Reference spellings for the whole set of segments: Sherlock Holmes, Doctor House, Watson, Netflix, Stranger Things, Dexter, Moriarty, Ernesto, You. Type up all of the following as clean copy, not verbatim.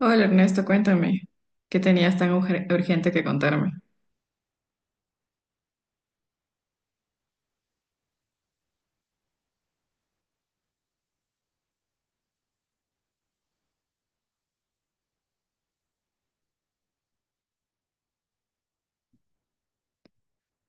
Hola Ernesto, cuéntame, ¿qué tenías tan urgente que contarme?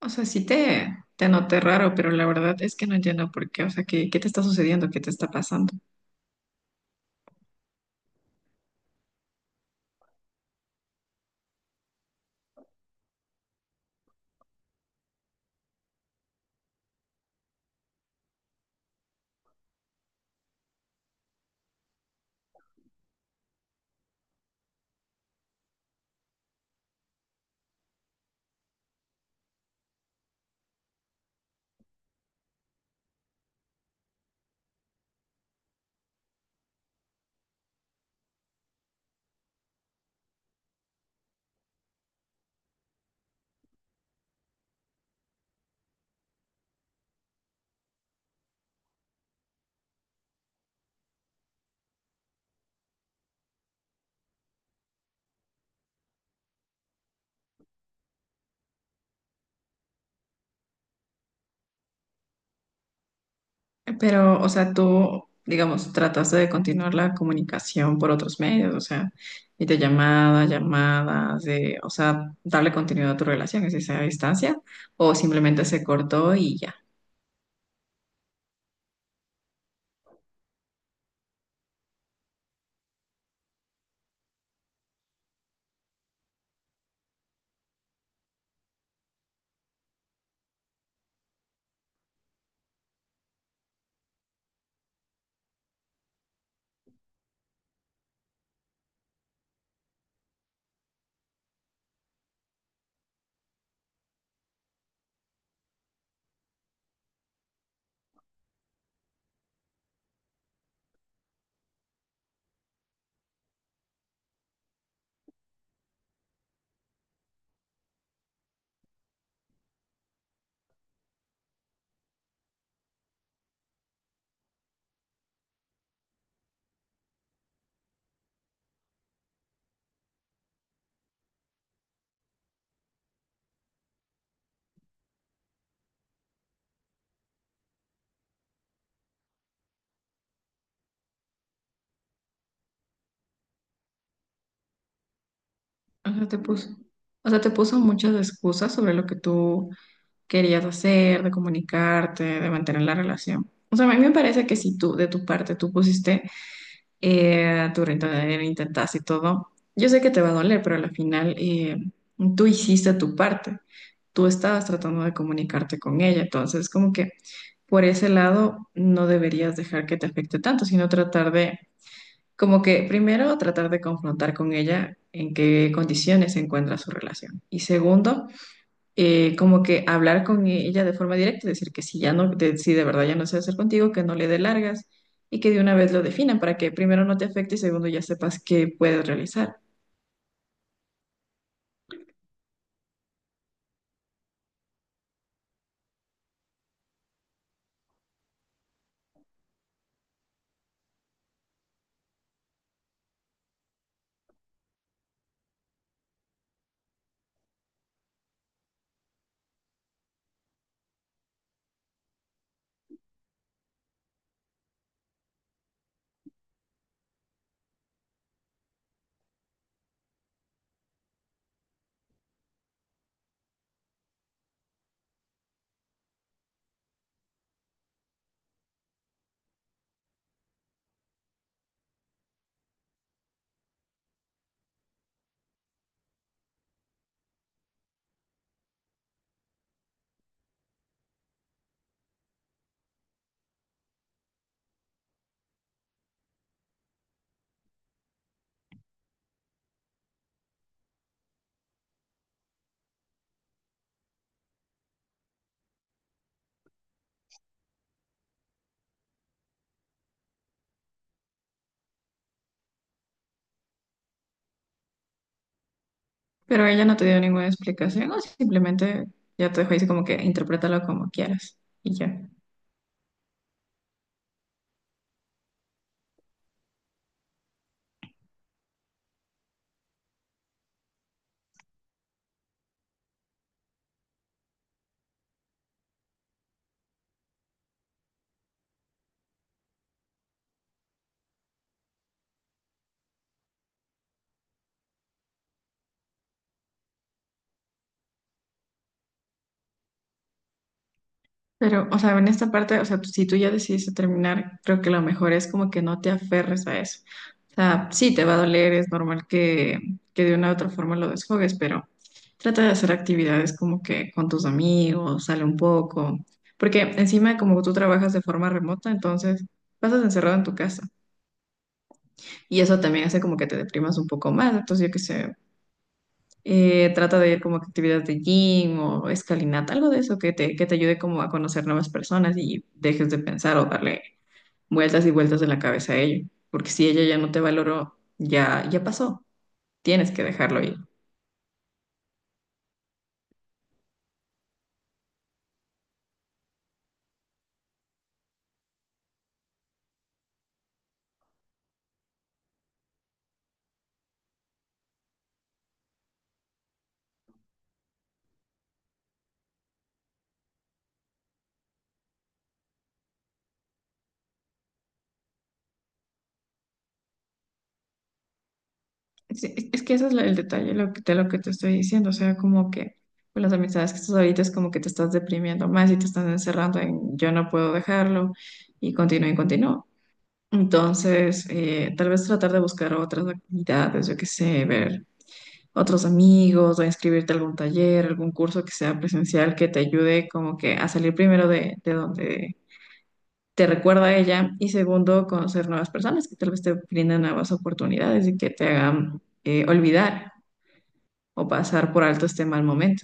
O sea, sí te noté raro, pero la verdad es que no entiendo por qué. O sea, ¿qué te está sucediendo? ¿Qué te está pasando? Pero, o sea, tú, digamos, trataste de continuar la comunicación por otros medios, o sea, videollamadas, llamadas, de, o sea, darle continuidad a tu relación, es esa distancia, o simplemente se cortó y ya. O sea, te puso, o sea, te puso muchas excusas sobre lo que tú querías hacer, de comunicarte, de mantener la relación. O sea, a mí me parece que si tú, de tu parte, tú pusiste tu granito de arena, intentaste y todo, yo sé que te va a doler, pero al final tú hiciste tu parte. Tú estabas tratando de comunicarte con ella, entonces como que por ese lado no deberías dejar que te afecte tanto, sino tratar de como que primero tratar de confrontar con ella en qué condiciones se encuentra su relación. Y segundo, como que hablar con ella de forma directa, decir que si ya no, de, si de verdad ya no se hacer contigo, que no le dé largas y que de una vez lo definan para que primero no te afecte y segundo ya sepas qué puedes realizar. Pero ella no te dio ninguna explicación o simplemente ya te dejó ahí como que interprétalo como quieras y ya. Pero, o sea, en esta parte, o sea, si tú ya decidiste terminar, creo que lo mejor es como que no te aferres a eso. O sea, sí te va a doler, es normal que de una u otra forma lo desfogues, pero trata de hacer actividades como que con tus amigos, sale un poco, porque encima como tú trabajas de forma remota, entonces pasas encerrado en tu casa y eso también hace como que te deprimas un poco más. Entonces, yo qué sé, trata de ir como a actividades de gym o escalinata, algo de eso que te ayude como a conocer nuevas personas y dejes de pensar o darle vueltas y vueltas de la cabeza a ello. Porque si ella ya no te valoró, ya, ya pasó. Tienes que dejarlo ir. Es que ese es el detalle lo que, de lo que te estoy diciendo. O sea, como que con las amistades que estás ahorita es como que te estás deprimiendo más y te estás encerrando en yo no puedo dejarlo y continúa y continúa. Entonces, tal vez tratar de buscar otras actividades, yo qué sé, ver otros amigos o inscribirte a algún taller, algún curso que sea presencial que te ayude como que a salir primero de donde te recuerda a ella y segundo, conocer nuevas personas que tal vez te brindan nuevas oportunidades y que te hagan olvidar o pasar por alto este mal momento.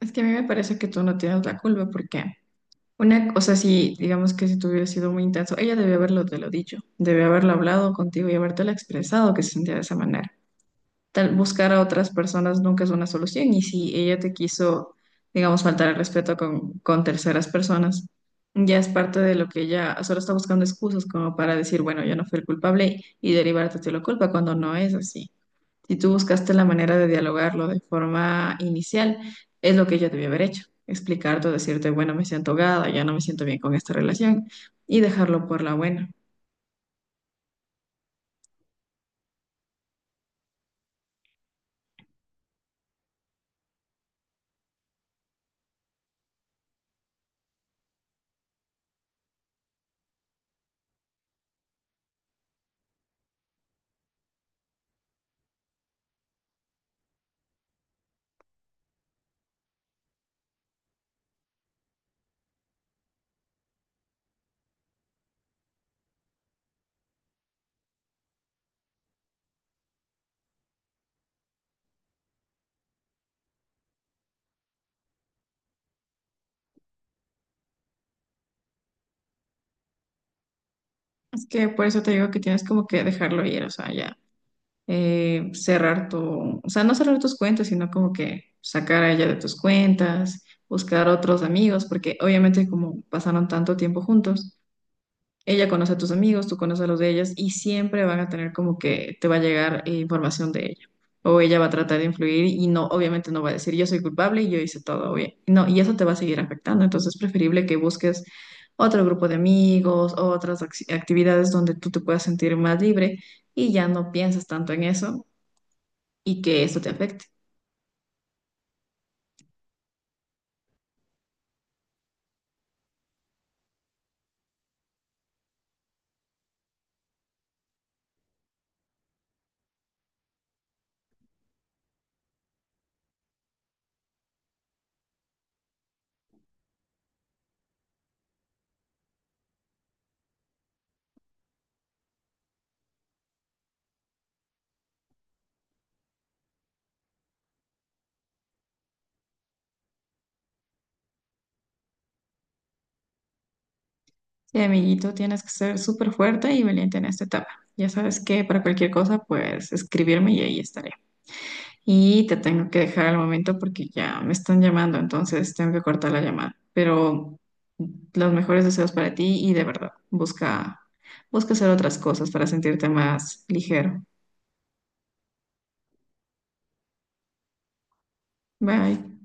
Es que a mí me parece que tú no tienes la culpa porque una, o sea, si digamos que si tú hubieras sido muy intenso, ella debió haberlo te lo dicho, debió haberlo hablado contigo y habértelo expresado que se sentía de esa manera. Buscar a otras personas nunca es una solución. Y si ella te quiso, digamos, faltar el respeto con terceras personas, ya es parte de lo que ella solo está buscando excusas como para decir, bueno, yo no fui el culpable y derivarte de la culpa cuando no es así. Si tú buscaste la manera de dialogarlo de forma inicial, es lo que ella debió haber hecho. Explicarte decirte, bueno, me siento ahogada, ya no me siento bien con esta relación y dejarlo por la buena. Es que por eso te digo que tienes como que dejarlo ir, o sea, ya. Cerrar tu, o sea, no cerrar tus cuentas, sino como que sacar a ella de tus cuentas, buscar otros amigos, porque obviamente como pasaron tanto tiempo juntos, ella conoce a tus amigos, tú conoces a los de ellas y siempre van a tener como que te va a llegar información de ella. O ella va a tratar de influir y no, obviamente no va a decir yo soy culpable y yo hice todo bien. No, y eso te va a seguir afectando. Entonces es preferible que busques otro grupo de amigos, otras actividades donde tú te puedas sentir más libre y ya no piensas tanto en eso y que esto te afecte. Sí, amiguito, tienes que ser súper fuerte y valiente en esta etapa. Ya sabes que para cualquier cosa, pues escribirme y ahí estaré. Y te tengo que dejar al momento porque ya me están llamando, entonces tengo que cortar la llamada. Pero los mejores deseos para ti y de verdad, busca, busca hacer otras cosas para sentirte más ligero. Bye.